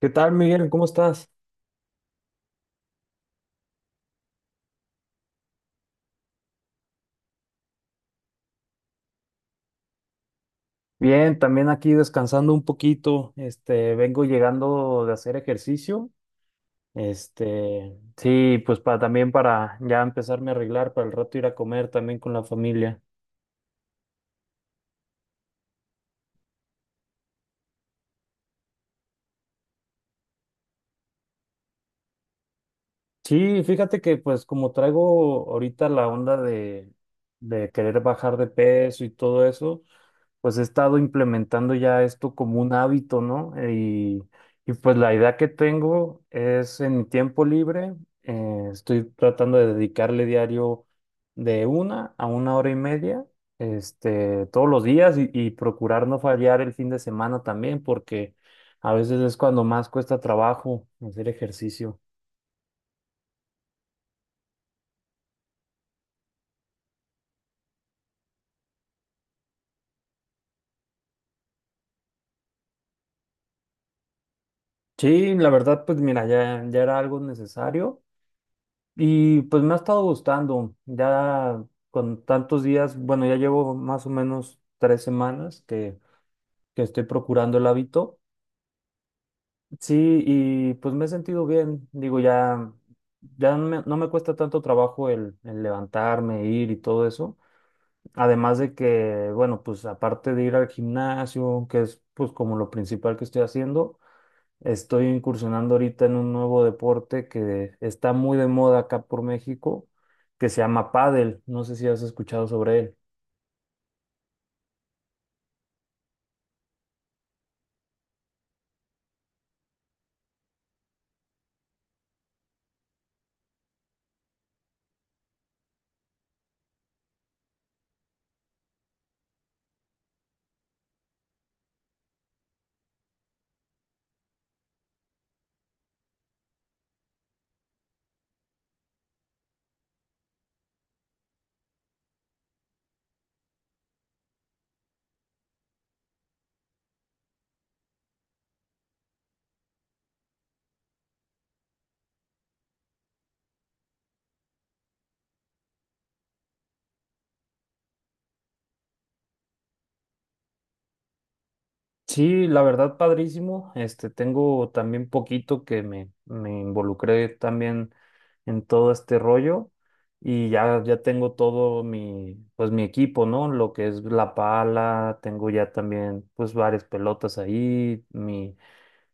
¿Qué tal, Miguel? ¿Cómo estás? Bien, también aquí descansando un poquito. Vengo llegando de hacer ejercicio. Pues para también para ya empezarme a arreglar para el rato ir a comer también con la familia. Sí, fíjate que pues como traigo ahorita la onda de querer bajar de peso y todo eso, pues he estado implementando ya esto como un hábito, ¿no? Y pues la idea que tengo es en mi tiempo libre, estoy tratando de dedicarle diario de una a una hora y media, este, todos los días y procurar no fallar el fin de semana también, porque a veces es cuando más cuesta trabajo hacer ejercicio. Sí, la verdad, pues mira, ya era algo necesario. Y pues me ha estado gustando, ya con tantos días, bueno, ya llevo más o menos tres semanas que estoy procurando el hábito. Sí, y pues me he sentido bien, digo, ya no me cuesta tanto trabajo el levantarme, ir y todo eso. Además de que, bueno, pues aparte de ir al gimnasio, que es pues como lo principal que estoy haciendo. Estoy incursionando ahorita en un nuevo deporte que está muy de moda acá por México, que se llama pádel. No sé si has escuchado sobre él. Sí, la verdad, padrísimo. Este, tengo también poquito que me involucré también en todo este rollo y ya tengo todo mi, pues mi equipo, ¿no? Lo que es la pala, tengo ya también pues varias pelotas ahí,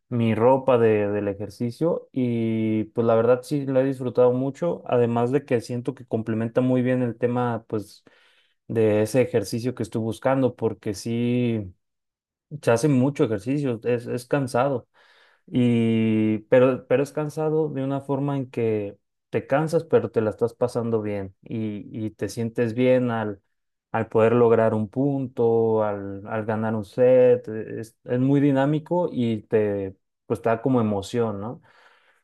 mi ropa del ejercicio y pues la verdad sí la he disfrutado mucho, además de que siento que complementa muy bien el tema pues de ese ejercicio que estoy buscando porque sí se hace mucho ejercicio, es cansado. Pero es cansado de una forma en que te cansas, pero te la estás pasando bien y te sientes bien al poder lograr un punto, al ganar un set. Es muy dinámico y pues, te da como emoción, ¿no?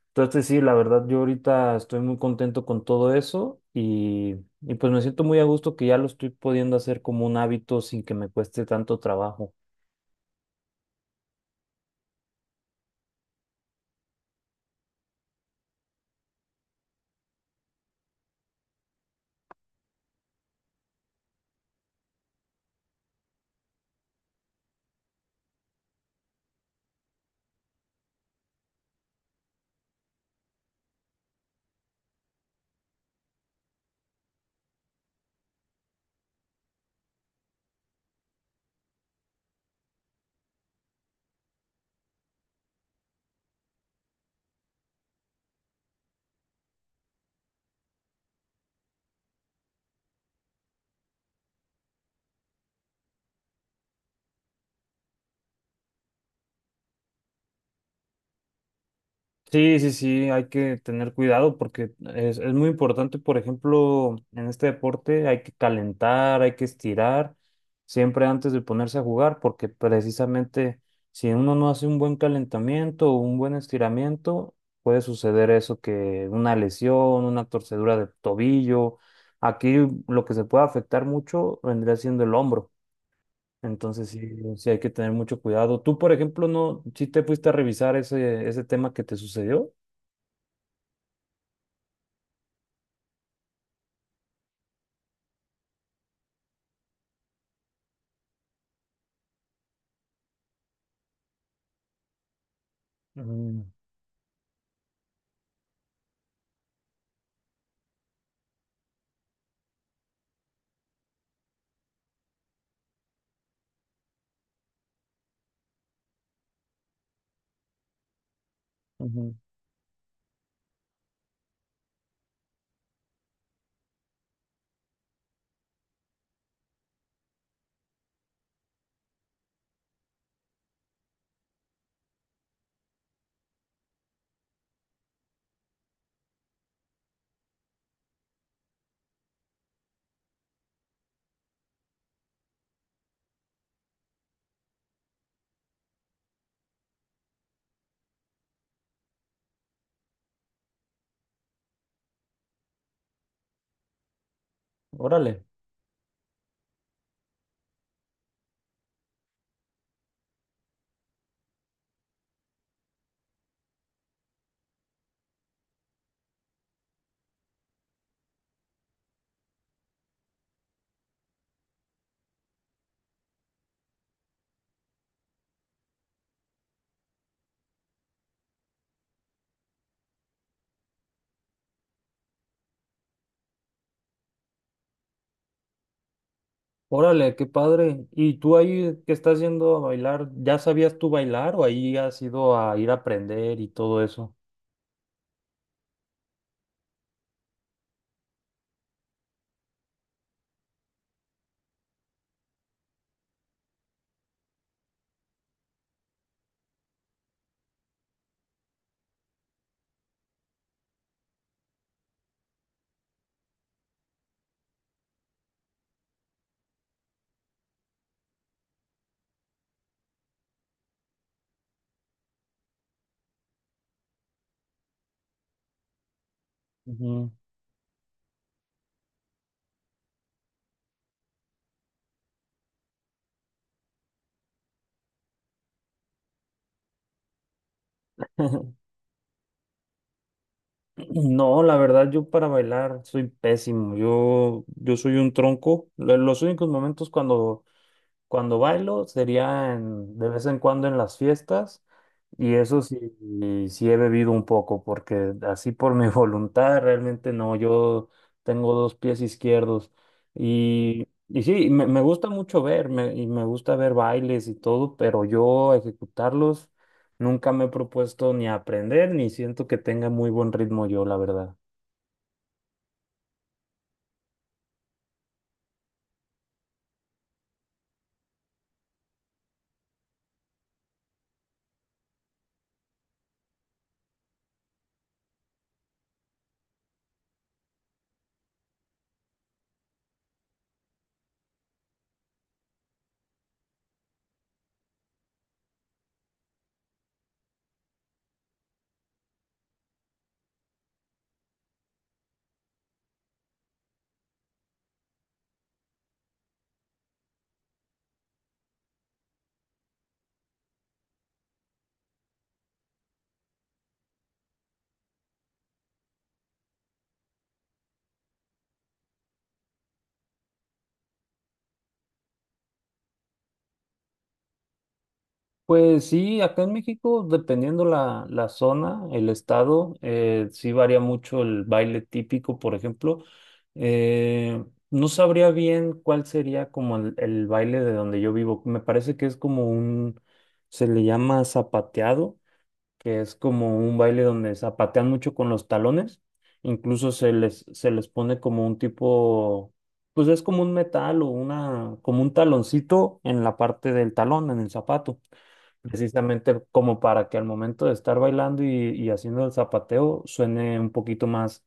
Entonces, sí, la verdad, yo ahorita estoy muy contento con todo eso y pues me siento muy a gusto que ya lo estoy pudiendo hacer como un hábito sin que me cueste tanto trabajo. Sí, sí, sí, hay que tener cuidado porque es muy importante, por ejemplo, en este deporte hay que calentar, hay que estirar siempre antes de ponerse a jugar porque precisamente si uno no hace un buen calentamiento o un buen estiramiento, puede suceder eso que una lesión, una torcedura de tobillo, aquí lo que se puede afectar mucho vendría siendo el hombro, entonces sí, sí hay que tener mucho cuidado. Tú, por ejemplo, no, si te fuiste a revisar ese tema que te sucedió. Mm, ujú. Órale, Órale, qué padre. ¿Y tú ahí que estás yendo a bailar, ya sabías tú bailar o ahí has ido a ir a aprender y todo eso? Ujú. No, la verdad yo para bailar soy pésimo. Yo soy un tronco. Los únicos momentos cuando bailo sería de vez en cuando en las fiestas y eso sí, sí he bebido un poco porque así por mi voluntad realmente no, yo tengo dos pies izquierdos y sí, me gusta mucho ver me- y me gusta ver bailes y todo, pero yo ejecutarlos nunca me he propuesto ni aprender ni siento que tenga muy buen ritmo yo, la verdad. Pues sí, acá en México, dependiendo la zona, el estado, sí varía mucho el baile típico, por ejemplo. Eh, no sabría bien cuál sería como el baile de donde yo vivo. Me parece que es como un, se le llama zapateado, que es como un baile donde zapatean mucho con los talones. Incluso se les pone como un tipo, pues es como un metal o una, como un taloncito en la parte del talón, en el zapato precisamente como para que al momento de estar bailando y haciendo el zapateo suene un poquito más,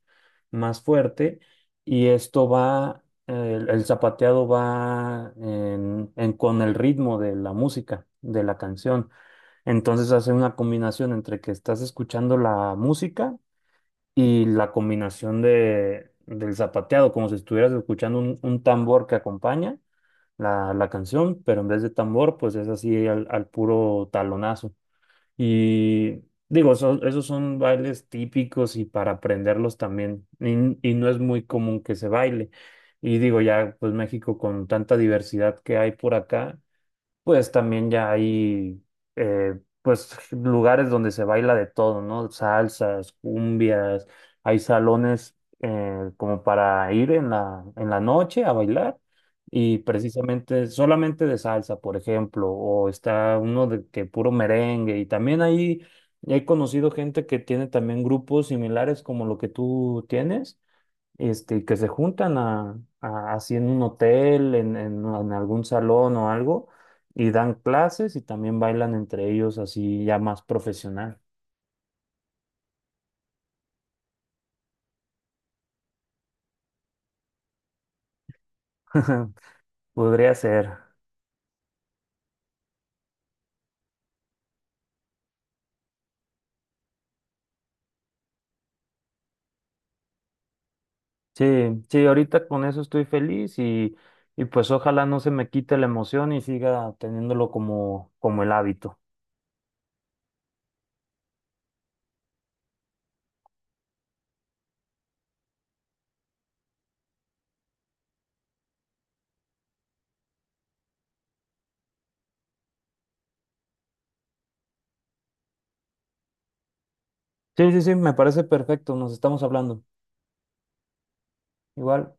más fuerte y esto va, el zapateado va con el ritmo de la música, de la canción. Entonces hace una combinación entre que estás escuchando la música y la combinación del zapateado, como si estuvieras escuchando un tambor que acompaña la canción, pero en vez de tambor, pues es así al puro talonazo. Y digo, esos son bailes típicos y para aprenderlos también. Y no es muy común que se baile. Y digo, ya, pues México con tanta diversidad que hay por acá, pues también ya hay eh, pues lugares donde se baila de todo, ¿no? Salsas, cumbias, hay salones como para ir en en la noche a bailar y precisamente solamente de salsa, por ejemplo, o está uno de que puro merengue y también ahí he conocido gente que tiene también grupos similares como lo que tú tienes este, que se juntan así en un hotel, en algún salón o algo, y dan clases y también bailan entre ellos así ya más profesional. Podría ser. Sí, sí, ahorita con eso estoy feliz y pues ojalá no se me quite la emoción y siga teniéndolo como, como el hábito. Sí, sí, sí, me parece perfecto, nos estamos hablando. Igual.